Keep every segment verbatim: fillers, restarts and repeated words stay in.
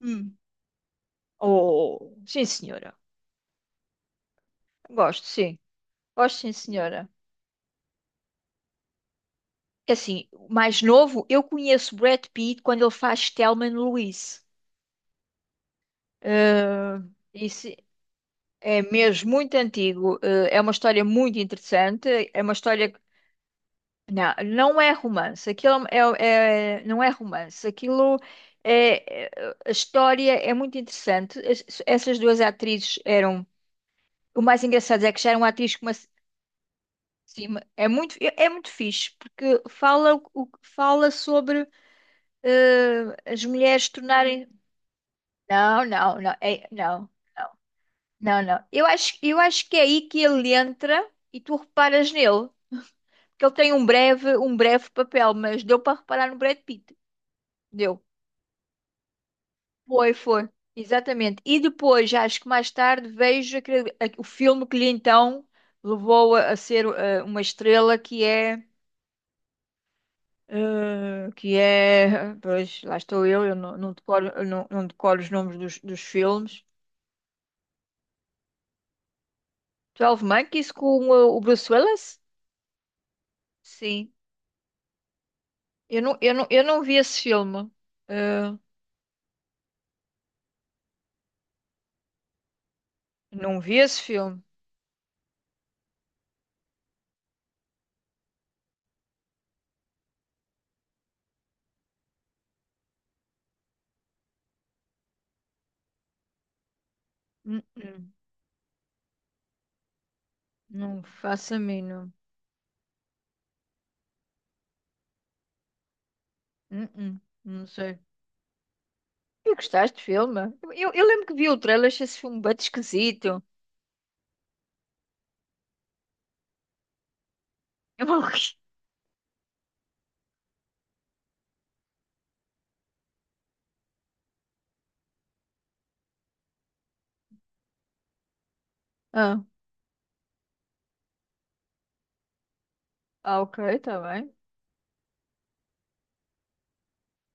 Hum. Oh, sim, senhora. Gosto, sim. Gosto, sim, senhora. É Assim, o mais novo, eu conheço Brad Pitt quando ele faz Thelma e Louise. Ah, isso é mesmo muito antigo. Ah, é uma história muito interessante. É uma história. que- Não, não é romance. Aquilo é, é- não é romance. Aquilo é. é- A história é muito interessante. Es- Essas duas atrizes eram. O mais engraçado é que já eram atrizes. Sim, ma- é muito, é é muito fixe, porque fala, o, o- fala sobre eh, as mulheres tornarem. Não, não, não, é- não, não, não, não. Eu acho, eu acho que é aí que ele entra e tu reparas nele, porque ele tem um breve, um breve papel, mas deu para reparar no Brad Pitt. Deu. Foi, foi. Exatamente. E depois, já acho que mais tarde, vejo aquele- a- o filme que lhe então levou a, a ser eh, uma estrela, que é eh, que é. Pois, lá estou eu, eu não, não decoro, eu não, não decoro os nomes dos, dos filmes. doze Monkeys com o, o Bruce Willis? Sim. Eu não, eu não, eu não vi esse filme. Eh, não vi esse filme. Hum, hum. Não faço a mínima. Hum, hum. Não sei. E gostaste do filme? Eu, eu lembro que vi o trailer, achei esse filme bem esquisito. Eu- Ah, ah, ok, está bem.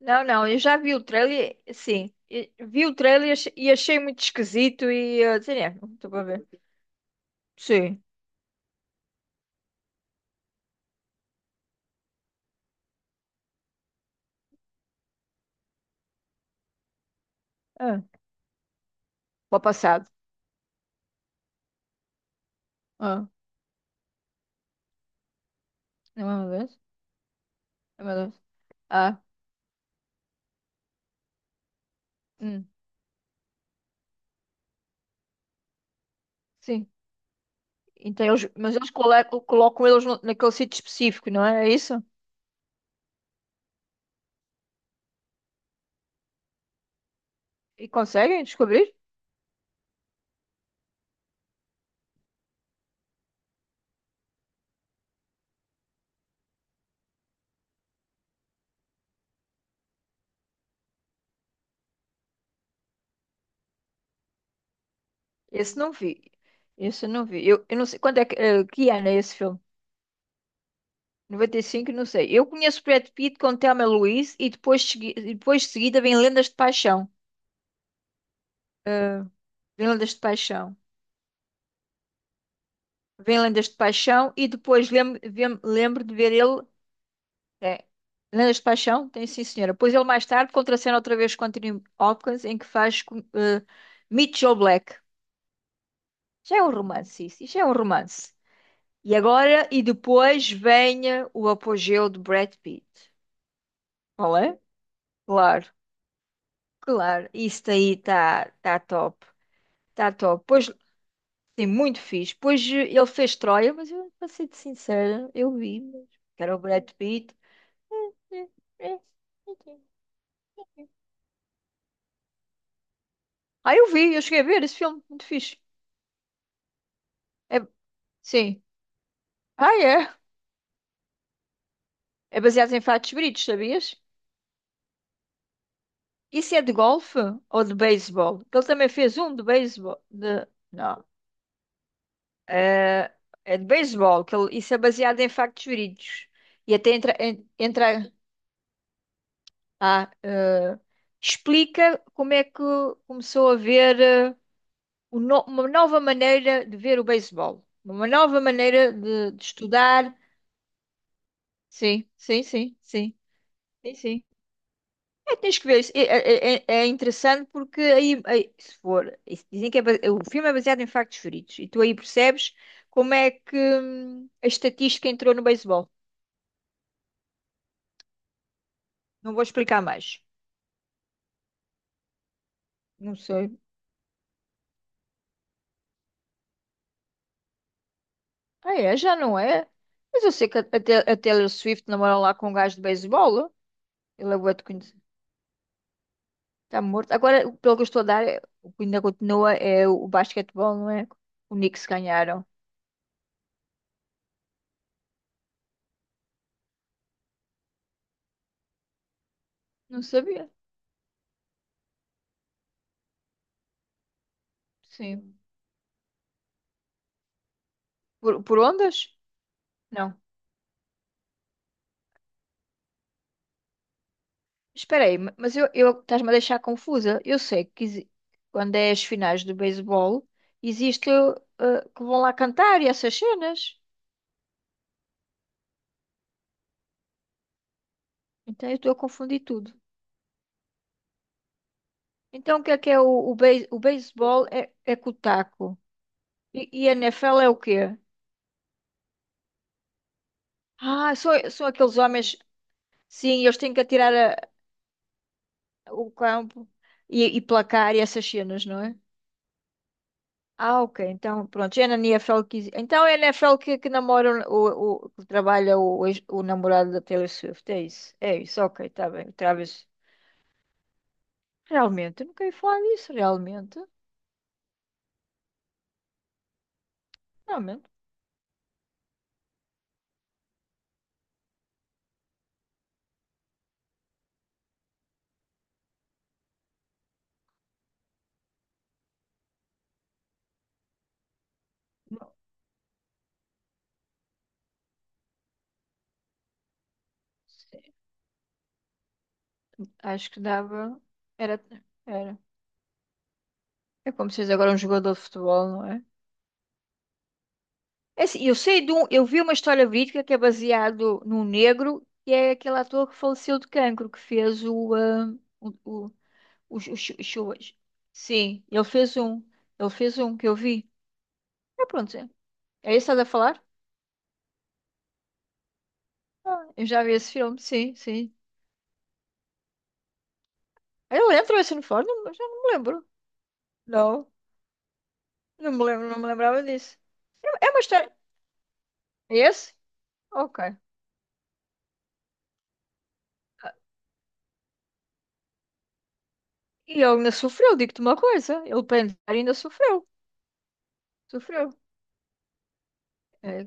Não, não, eu já vi o trailer, sim, e- vi o trailer e ach- e achei muito esquisito e eh, sei lá, não estou para ver. Sim, ah, para o passado. Ah, não é meu Deus, é meu Deus. Ah, hum, sim. Então eles, mas eles colocam, colocam eles no- naquele sítio específico, não é? É isso? E conseguem descobrir? Esse não vi. Esse eu não vi. Eu, eu não sei quando é que, eh, que ano é esse filme? noventa e cinco, não sei. Eu conheço Brad Pitt com Thelma Louise e depois, segui- e depois de seguida vem Lendas de Paixão. Vem Lendas de Paixão. Vem Lendas de Paixão e depois lembro, vem- lembro de ver ele. É, Lendas de Paixão? Tem sim, senhora. Pois ele mais tarde contracena outra vez com Anthony Hopkins, em que faz com, eh, Mitchell Black. Já é um romance, isso. Isso é um romance. E agora, e depois vem eh, o apogeu de Brad Pitt. Qual é? Claro, claro. Isso daí está tá tá top. Está top. Pois, sim, muito fixe. Pois eh, ele fez Troia, mas eu, para ser sincera, eu vi, mas que era o Brad Pitt. É, é, ok. Ah, eu vi, eu cheguei a ver esse filme, muito fixe. É... Sim. Ah, é? É baseado em fatos verídicos, sabias? Isso é de golfe ou de beisebol? Que ele também fez um de beisebol. De... Não. É, é de beisebol, que ele... isso é baseado em factos verídicos. E até entra. en- entra... Ah, eh, explica como é que começou a ver eh, o no- uma nova maneira de ver o beisebol, uma nova maneira de de estudar. Sim, sim, sim, sim, sim, sim. É, tens que ver, isso. é, é, é é interessante porque aí, aí, se for, isso dizem que é, base- o filme é baseado em factos verídicos e tu aí percebes como é que hum, a estatística entrou no beisebol. Não vou explicar mais. Não sei. Ah, é, já não é? Mas eu sei que a, a Te- a Taylor Swift namora lá com um gajo de beisebol. Ele é bué de conhecido. Está morto. Agora, o- pelo que eu estou a dar, é- o que ainda continua é o, o basquetebol, não é? O Knicks ganharam. Não sabia. Sim. Por, por ondas? Não. Espera aí, ma- mas eu, eu estás-me a deixar confusa. Eu sei que exi- Quando é as finais do beisebol, existe eh, que vão lá cantar e essas cenas. Então eu estou a confundir tudo. Então o que é que é o, o, bei- o beisebol é, é com o taco. E, e a N F L é o quê? Ah, são, são aqueles homens, sim, eles têm que atirar a- o campo e, e placar e essas cenas, não é? Ah, ok. Então, pronto, é na N F L que... Então é a N F L que, que namora o, o- que trabalha o, ex- o namorado da Taylor Swift, é isso? É isso, ok, está bem. O Travis, realmente, eu nunca ia falar disso, realmente. Realmente. Bom, sim, acho que dava... Era, era. É como se fosse agora um jogador de futebol, não é? É assim, eu sei de um... Eu vi uma história verídica que é baseado num negro, que é aquele ator que faleceu de cancro, que fez o... ah, o Os, os, chu- chuas. Sim, ele fez um. Ele fez um que eu vi. É pronto, é. É isso que estás a falar? Ah, eu já vi esse filme, sim, sim. Eu lembro esse uniforme, mas já não me lembro. Não, não me lembro, não me lembrava disso. É uma história. É esse? Ok. E ele ainda sofreu, digo-te uma coisa. Ele para entrar ainda sofreu. Sofreu. É.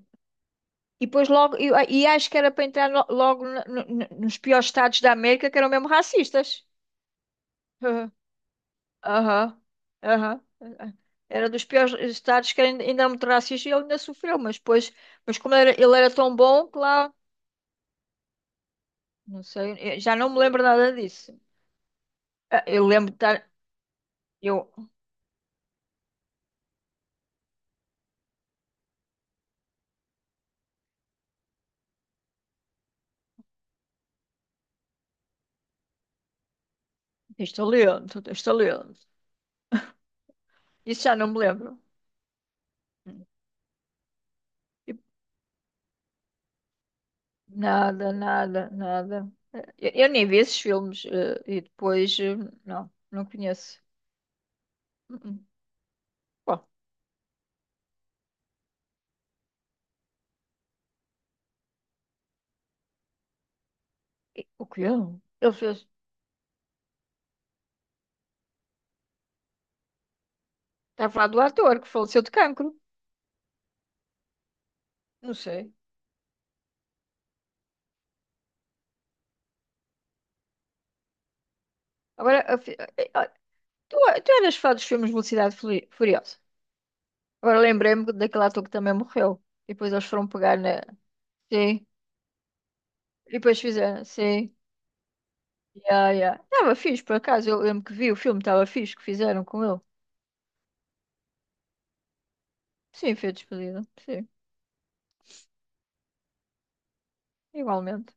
E depois logo. E, e acho que era para entrar lo- logo no- no- no- nos piores estados da América, que eram mesmo racistas. Aham, aham. Era dos piores estados que ainda, ainda era muito racista e ele ainda sofreu, mas depois, mas como era- ele era tão bom que lá, não sei, eu já não me lembro nada disso. Ah, eu lembro de estar, eu, estou lendo, estou lendo. Isso já não me lembro. E nada, nada, nada. Eu, eu nem vi esses filmes eh, e depois, eh, não, não conheço. Uh-uh. Bom, e- o que eu? Ele fez, está a falar do ator que faleceu de cancro, não sei. Agora, a fi- Tu, tu eras fã dos filmes de Velocidade Furi- Furiosa. Agora lembrei-me daquele ator que também morreu. E depois eles foram pegar na. Sim. E depois fizeram. Sim. Yeah, yeah. Estava fixe, por acaso. Eu lembro que vi o filme, estava fixe que fizeram com ele. Sim, foi despedida. Sim, igualmente.